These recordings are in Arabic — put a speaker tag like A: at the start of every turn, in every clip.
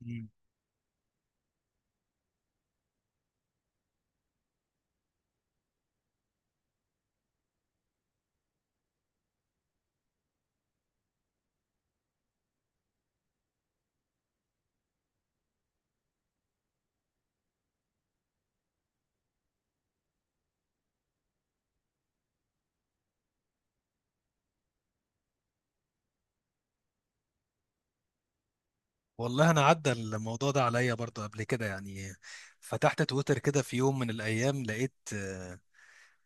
A: مم. والله انا عدى الموضوع ده عليا برضو قبل كده يعني. فتحت تويتر كده في يوم من الايام، لقيت آه،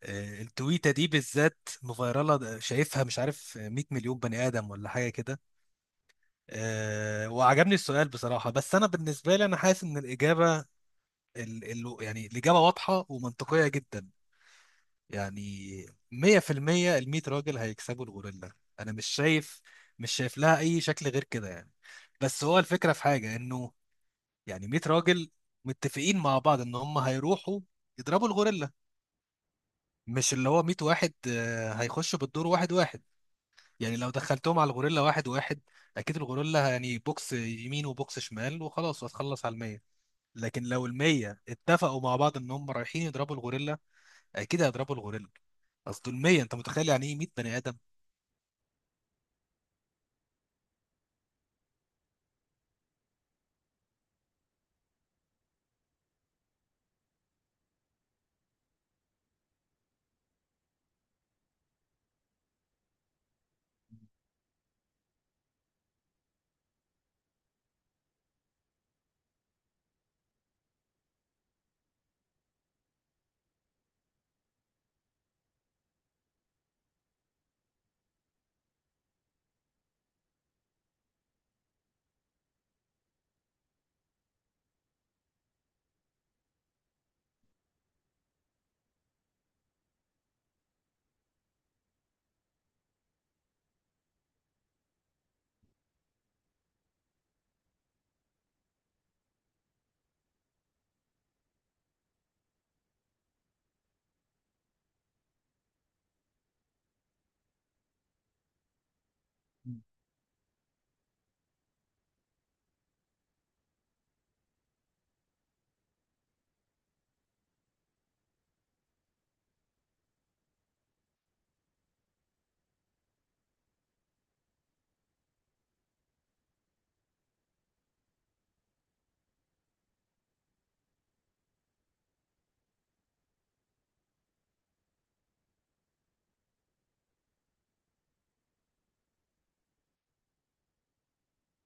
A: آه، التويته دي بالذات مفيرله شايفها، مش عارف 100 مليون بني ادم ولا حاجه كده. وعجبني السؤال بصراحه، بس انا بالنسبه لي انا حاسس ان الاجابه ال ال يعني الاجابه واضحه ومنطقيه جدا. يعني 100%، ال 100 راجل هيكسبوا الغوريلا. انا مش شايف، مش شايف لها اي شكل غير كده يعني. بس هو الفكره في حاجه انه يعني 100 راجل متفقين مع بعض ان هم هيروحوا يضربوا الغوريلا. مش اللي هو 100 واحد هيخشوا بالدور واحد واحد. يعني لو دخلتهم على الغوريلا واحد واحد، اكيد الغوريلا يعني بوكس يمين وبوكس شمال وخلاص، وهتخلص على المية. لكن لو المية اتفقوا مع بعض ان هم رايحين يضربوا الغوريلا، اكيد هيضربوا الغوريلا. اصل المية، انت متخيل يعني ايه 100 بني ادم؟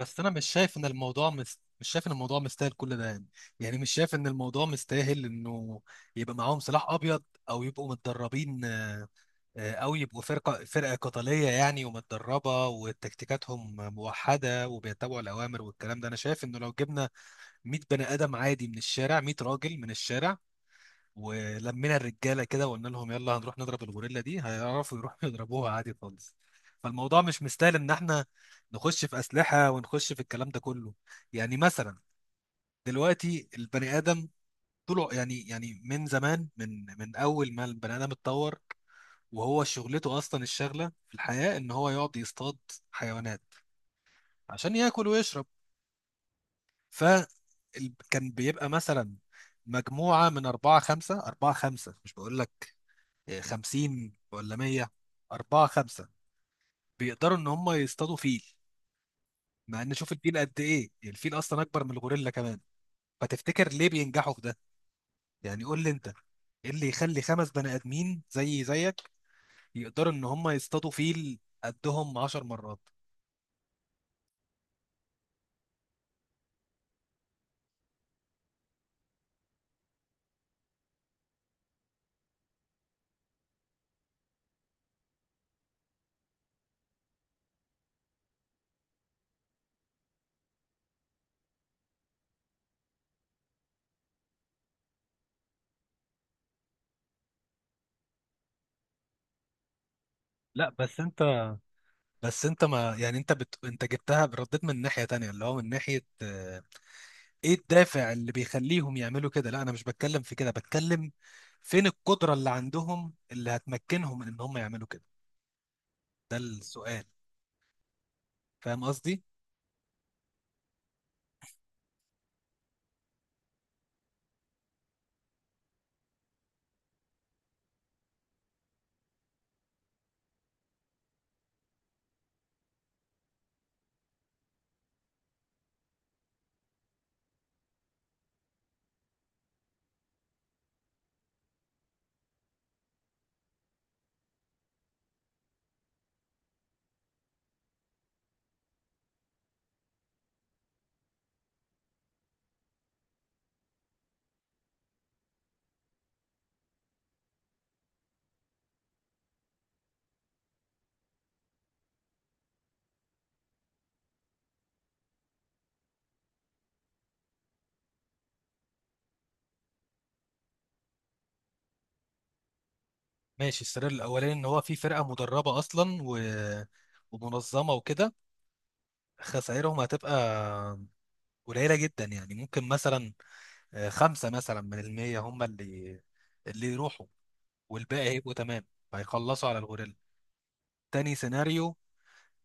A: بس انا مش شايف ان الموضوع مش شايف ان الموضوع مستاهل كل ده يعني. يعني مش شايف ان الموضوع مستاهل انه يبقى معاهم سلاح ابيض، او يبقوا متدربين، او يبقوا فرقه قتاليه يعني، ومتدربه وتكتيكاتهم موحده وبيتبعوا الاوامر والكلام ده. انا شايف انه لو جبنا 100 بني ادم عادي من الشارع، 100 راجل من الشارع، ولمينا الرجاله كده وقلنا لهم يلا هنروح نضرب الغوريلا دي، هيعرفوا يروحوا يضربوها عادي خالص. فالموضوع مش مستاهل ان احنا نخش في اسلحه ونخش في الكلام ده كله. يعني مثلا دلوقتي البني ادم طلع يعني من زمان، من اول ما البني ادم اتطور وهو شغلته اصلا، الشغله في الحياه ان هو يقعد يصطاد حيوانات عشان ياكل ويشرب. ف كان بيبقى مثلا مجموعه من اربعه خمسه، مش بقول لك 50 ولا 100، اربعه خمسه، بيقدروا ان هم يصطادوا فيل. مع ان شوف الفيل قد ايه، الفيل اصلا اكبر من الغوريلا كمان. فتفتكر ليه بينجحوا في ده؟ يعني قول لي انت، ايه اللي يخلي خمس بني ادمين زي زيك يقدروا ان هم يصطادوا فيل قدهم 10 مرات؟ لا بس انت بس انت ما يعني انت بت... انت جبتها رديت من ناحية تانية، اللي هو من ناحية، ايه الدافع اللي بيخليهم يعملوا كده. لا انا مش بتكلم في كده، بتكلم فين القدرة اللي عندهم اللي هتمكنهم من ان هم يعملوا كده. ده السؤال. فاهم قصدي؟ ماشي. السؤال الاولاني ان هو في فرقة مدربة اصلا ومنظمة وكده، خسائرهم هتبقى قليلة جدا. يعني ممكن مثلا خمسة مثلا من المية هم اللي يروحوا، والباقي هيبقوا تمام، هيخلصوا على الغوريلا. تاني سيناريو.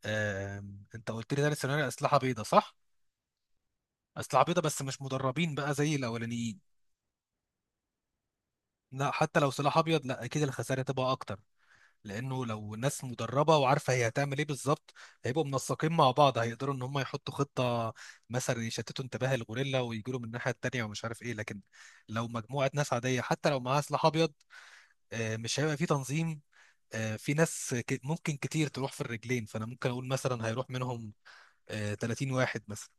A: انت قلت لي تاني سيناريو اسلحه بيضاء، صح؟ اسلحه بيضاء بس مش مدربين بقى زي الاولانيين. لا، حتى لو سلاح ابيض، لا اكيد الخسائر هتبقى اكتر. لانه لو ناس مدربه وعارفه هي هتعمل ايه بالظبط، هيبقوا منسقين مع بعض، هيقدروا ان هم يحطوا خطه مثلا يشتتوا انتباه الغوريلا ويجوا له من الناحيه التانيه ومش عارف ايه. لكن لو مجموعه ناس عاديه حتى لو معاها سلاح ابيض، مش هيبقى في تنظيم، في ناس ممكن كتير تروح في الرجلين. فانا ممكن اقول مثلا هيروح منهم 30 واحد مثلا.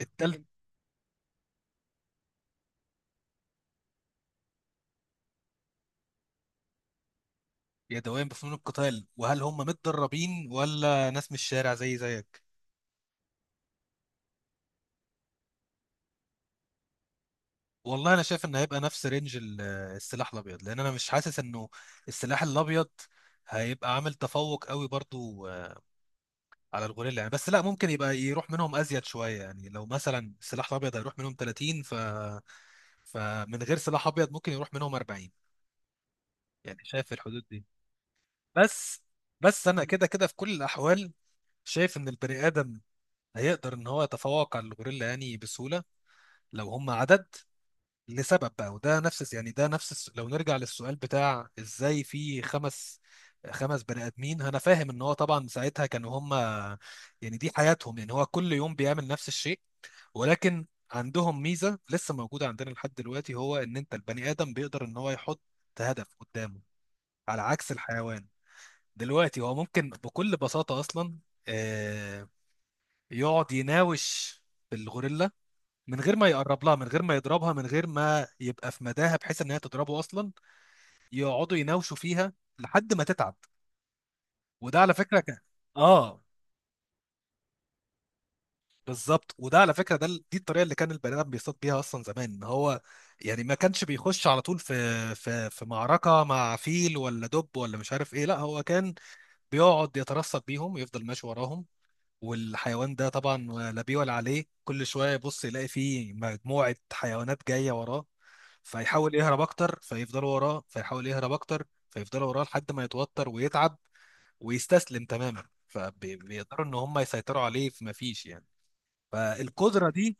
A: التلج يدويا بفنون القتال، وهل هم متدربين ولا ناس من الشارع زي زيك؟ والله انا شايف ان هيبقى نفس رينج السلاح الابيض. لان انا مش حاسس انه السلاح الابيض هيبقى عامل تفوق قوي برضو على الغوريلا يعني. بس لا ممكن يبقى يروح منهم ازيد شويه. يعني لو مثلا السلاح الابيض هيروح منهم 30، فمن غير سلاح ابيض ممكن يروح منهم 40. يعني شايف الحدود دي. بس بس انا كده كده في كل الاحوال شايف ان البني ادم هيقدر ان هو يتفوق على الغوريلا يعني بسهوله لو هم عدد. لسبب بقى، وده نفس لو نرجع للسؤال بتاع ازاي في خمس بني ادمين، انا فاهم ان هو طبعا ساعتها كانوا هم، يعني دي حياتهم، يعني هو كل يوم بيعمل نفس الشيء. ولكن عندهم ميزة لسه موجودة عندنا لحد دلوقتي، هو ان انت البني ادم بيقدر ان هو يحط هدف قدامه، على عكس الحيوان. دلوقتي هو ممكن بكل بساطة اصلا آه، يقعد يناوش الغوريلا من غير ما يقرب لها، من غير ما يضربها، من غير ما يبقى في مداها بحيث ان هي تضربه اصلا. يقعدوا يناوشوا فيها لحد ما تتعب. وده على فكره كان، اه بالظبط. وده على فكره، ده دي الطريقه اللي كان البني ادم بيصطاد بيها اصلا زمان. ان هو يعني ما كانش بيخش على طول في معركه مع فيل ولا دب ولا مش عارف ايه. لا هو كان بيقعد يترصد بيهم، يفضل ماشي وراهم. والحيوان ده طبعا لا بيه ولا عليه، كل شويه يبص يلاقي فيه مجموعه حيوانات جايه وراه، فيحاول يهرب اكتر فيفضلوا وراه، فيحاول يهرب اكتر فيفضلوا وراه، لحد ما يتوتر ويتعب ويستسلم تماما، فبيقدروا ان هم يسيطروا عليه. فما فيش يعني. فالقدرة دي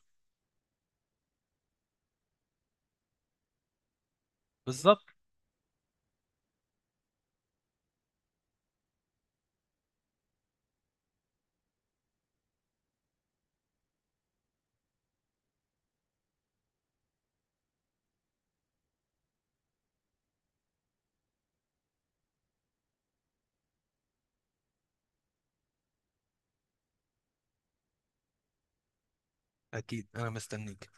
A: بالظبط. اكيد انا مستنيك.